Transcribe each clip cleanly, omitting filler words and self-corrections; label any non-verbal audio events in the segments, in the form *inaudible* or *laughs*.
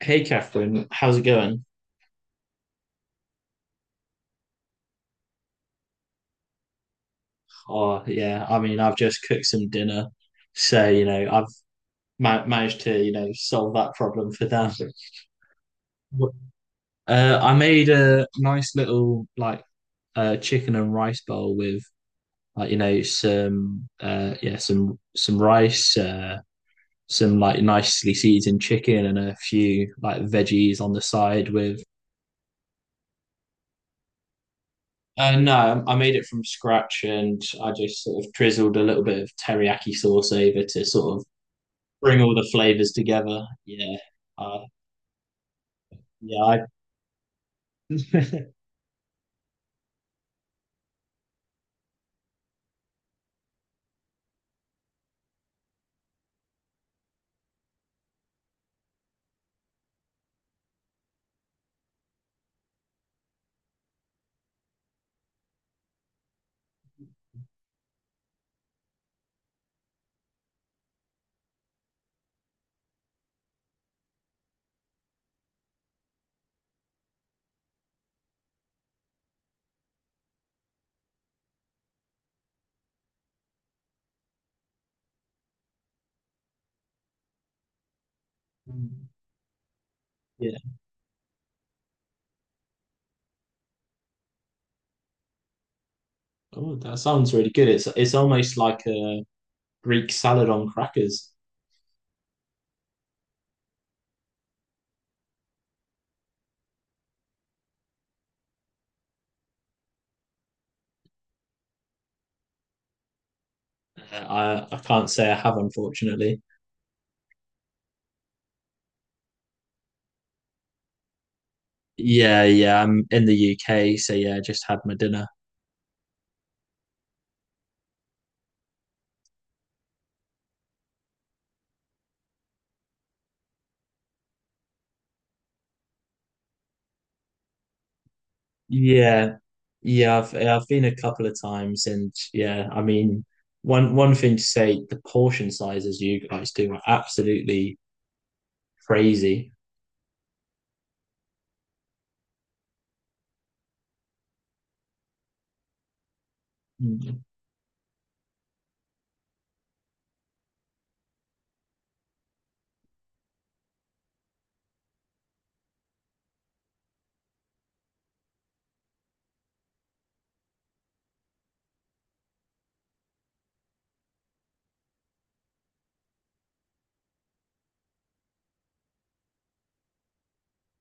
Hey Catherine, how's it going? Oh yeah, I mean I've just cooked some dinner, so you know I've ma managed to solve that problem for them. I made a nice little like chicken and rice bowl with some rice, some like nicely seasoned chicken and a few like veggies on the side with. No, I made it from scratch and I just sort of drizzled a little bit of teriyaki sauce over to sort of bring all the flavors together. Yeah, uh, yeah, I, *laughs* yeah. Oh, that sounds really good. It's almost like a Greek salad on crackers. Uh, I can't say I have, unfortunately. Yeah, yeah. I'm in the UK, so yeah, I just had my dinner. Yeah, yeah. I've been a couple of times, and yeah, I mean, one thing to say, the portion sizes you guys do are absolutely crazy. Mm,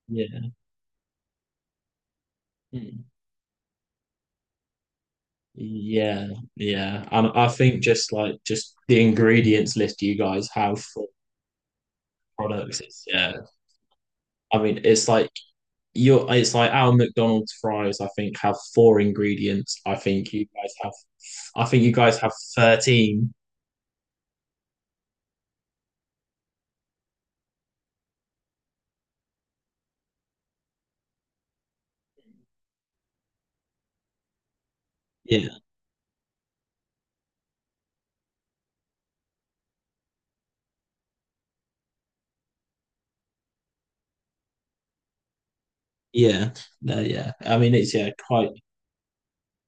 yeah. Mm. Yeah, yeah. And I think just like just the ingredients list you guys have for products is yeah. I mean, it's like your it's like our McDonald's fries, I think, have four ingredients. I think you guys have 13. Yeah, yeah. No, yeah. I mean, it's yeah, quite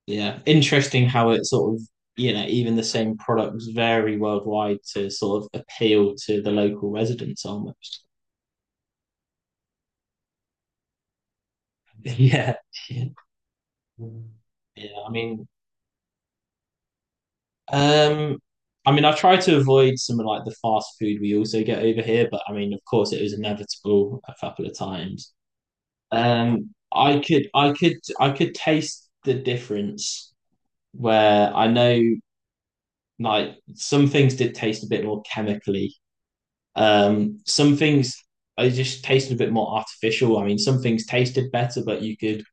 yeah. Interesting how it sort of, you know, even the same products vary worldwide to sort of appeal to the local residents almost. *laughs* Yeah. Yeah. Yeah, I mean, Um, I mean, I try to avoid some of like the fast food we also get over here, but I mean, of course, it was inevitable a couple of times. I could taste the difference where I know like some things did taste a bit more chemically. Some things I just tasted a bit more artificial. I mean, some things tasted better, but you could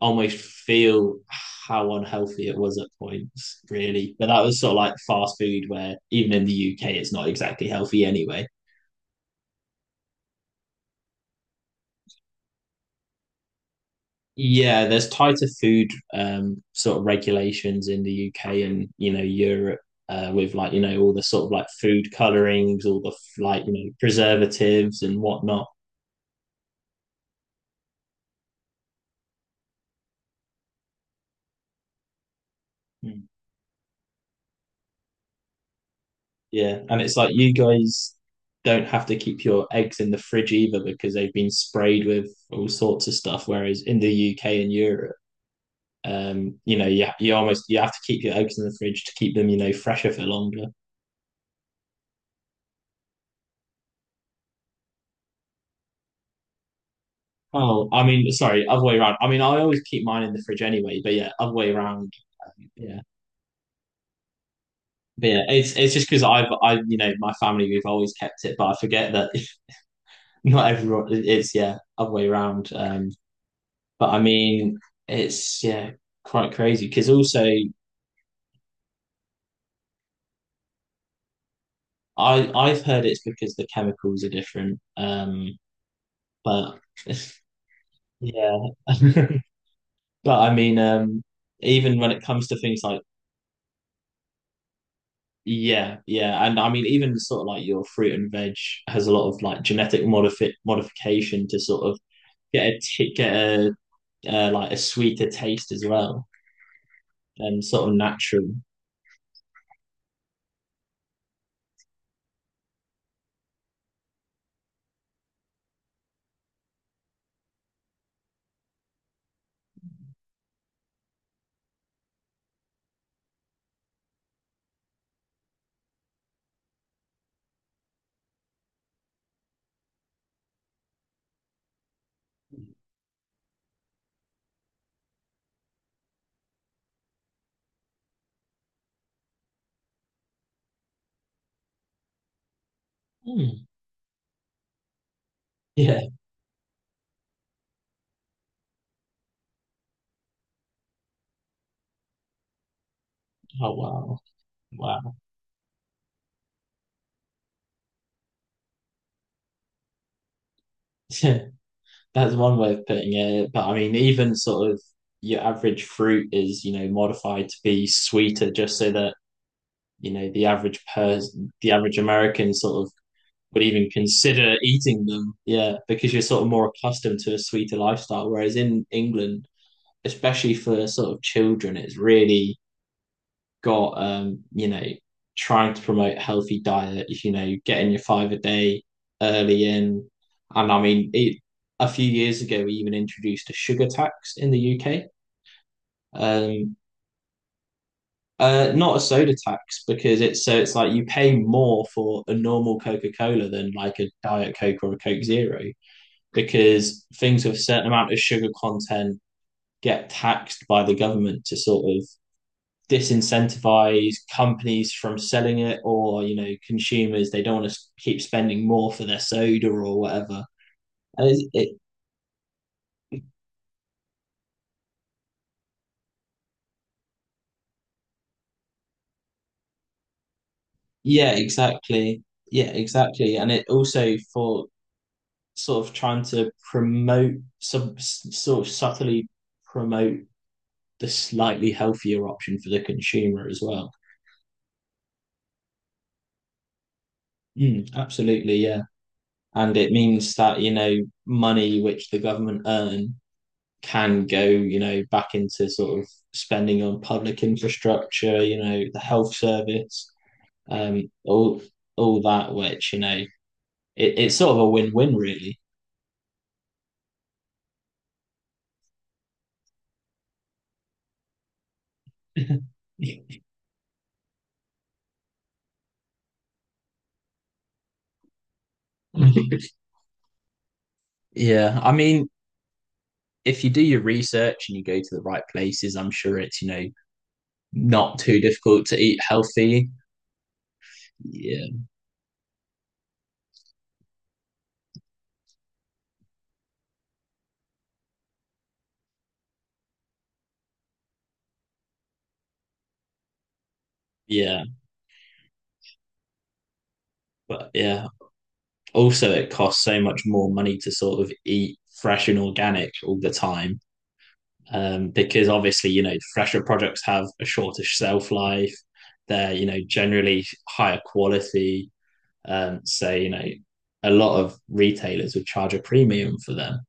almost feel how unhealthy it was at points, really. But that was sort of like fast food, where even in the UK, it's not exactly healthy anyway. Yeah, there's tighter food sort of regulations in the UK and you know Europe, with like you know all the sort of like food colorings, all the like you know preservatives and whatnot. Mm. Yeah, and it's like you guys don't have to keep your eggs in the fridge either because they've been sprayed with all sorts of stuff. Whereas in the UK and Europe, you know, you almost you have to keep your eggs in the fridge to keep them, you know, fresher for longer. Oh, I mean, sorry, other way around. I mean, I always keep mine in the fridge anyway, but yeah, other way around. Yeah, but yeah, it's just because I've I you know my family we've always kept it, but I forget that *laughs* not everyone it's yeah other way around. But I mean, it's yeah quite crazy because also I've heard it's because the chemicals are different. But *laughs* yeah. *laughs* But I mean, even when it comes to things like, yeah, yeah, and I mean, even sort of like your fruit and veg has a lot of like genetic modification to sort of get a like a sweeter taste as well, and sort of natural. Hmm. Yeah. Oh wow, wow. *laughs* That's one way of putting it. But I mean, even sort of your average fruit is, you know, modified to be sweeter just so that, you know, the average person, the average American sort of would even consider eating them. Yeah, because you're sort of more accustomed to a sweeter lifestyle. Whereas in England, especially for sort of children, it's really got you know, trying to promote a healthy diet, you know, getting your five a day early in. And I mean, it, a few years ago, we even introduced a sugar tax in the UK. Um, Not a soda tax because it's so it's like you pay more for a normal Coca-Cola than like a Diet Coke or a Coke Zero. Because things with a certain amount of sugar content get taxed by the government to sort of disincentivize companies from selling it or you know consumers they don't want to keep spending more for their soda or whatever. And it yeah exactly, yeah exactly, and it also for sort of trying to promote some sort of subtly promote the slightly healthier option for the consumer as well. Mm, absolutely yeah, and it means that you know money which the government earn can go you know back into sort of spending on public infrastructure, you know, the health service, um all all that which you know it's sort of a win-win really. *laughs* Yeah, I mean, if you do your research and you go to the right places, I'm sure it's, you know, not too difficult to eat healthy. Yeah, yeah, but yeah also it costs so much more money to sort of eat fresh and organic all the time, because obviously you know fresher products have a shorter shelf life, they're you know generally higher quality, so you know a lot of retailers would charge a premium for them.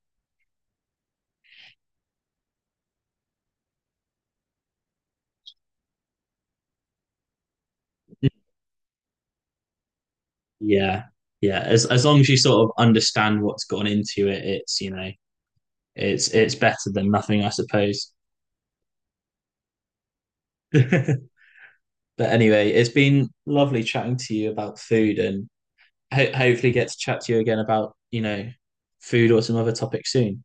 Yeah, yeah, as long as you sort of understand what's gone into it it's you know it's better than nothing I suppose. *laughs* But anyway, it's been lovely chatting to you about food, and hopefully get to chat to you again about you know food or some other topic soon.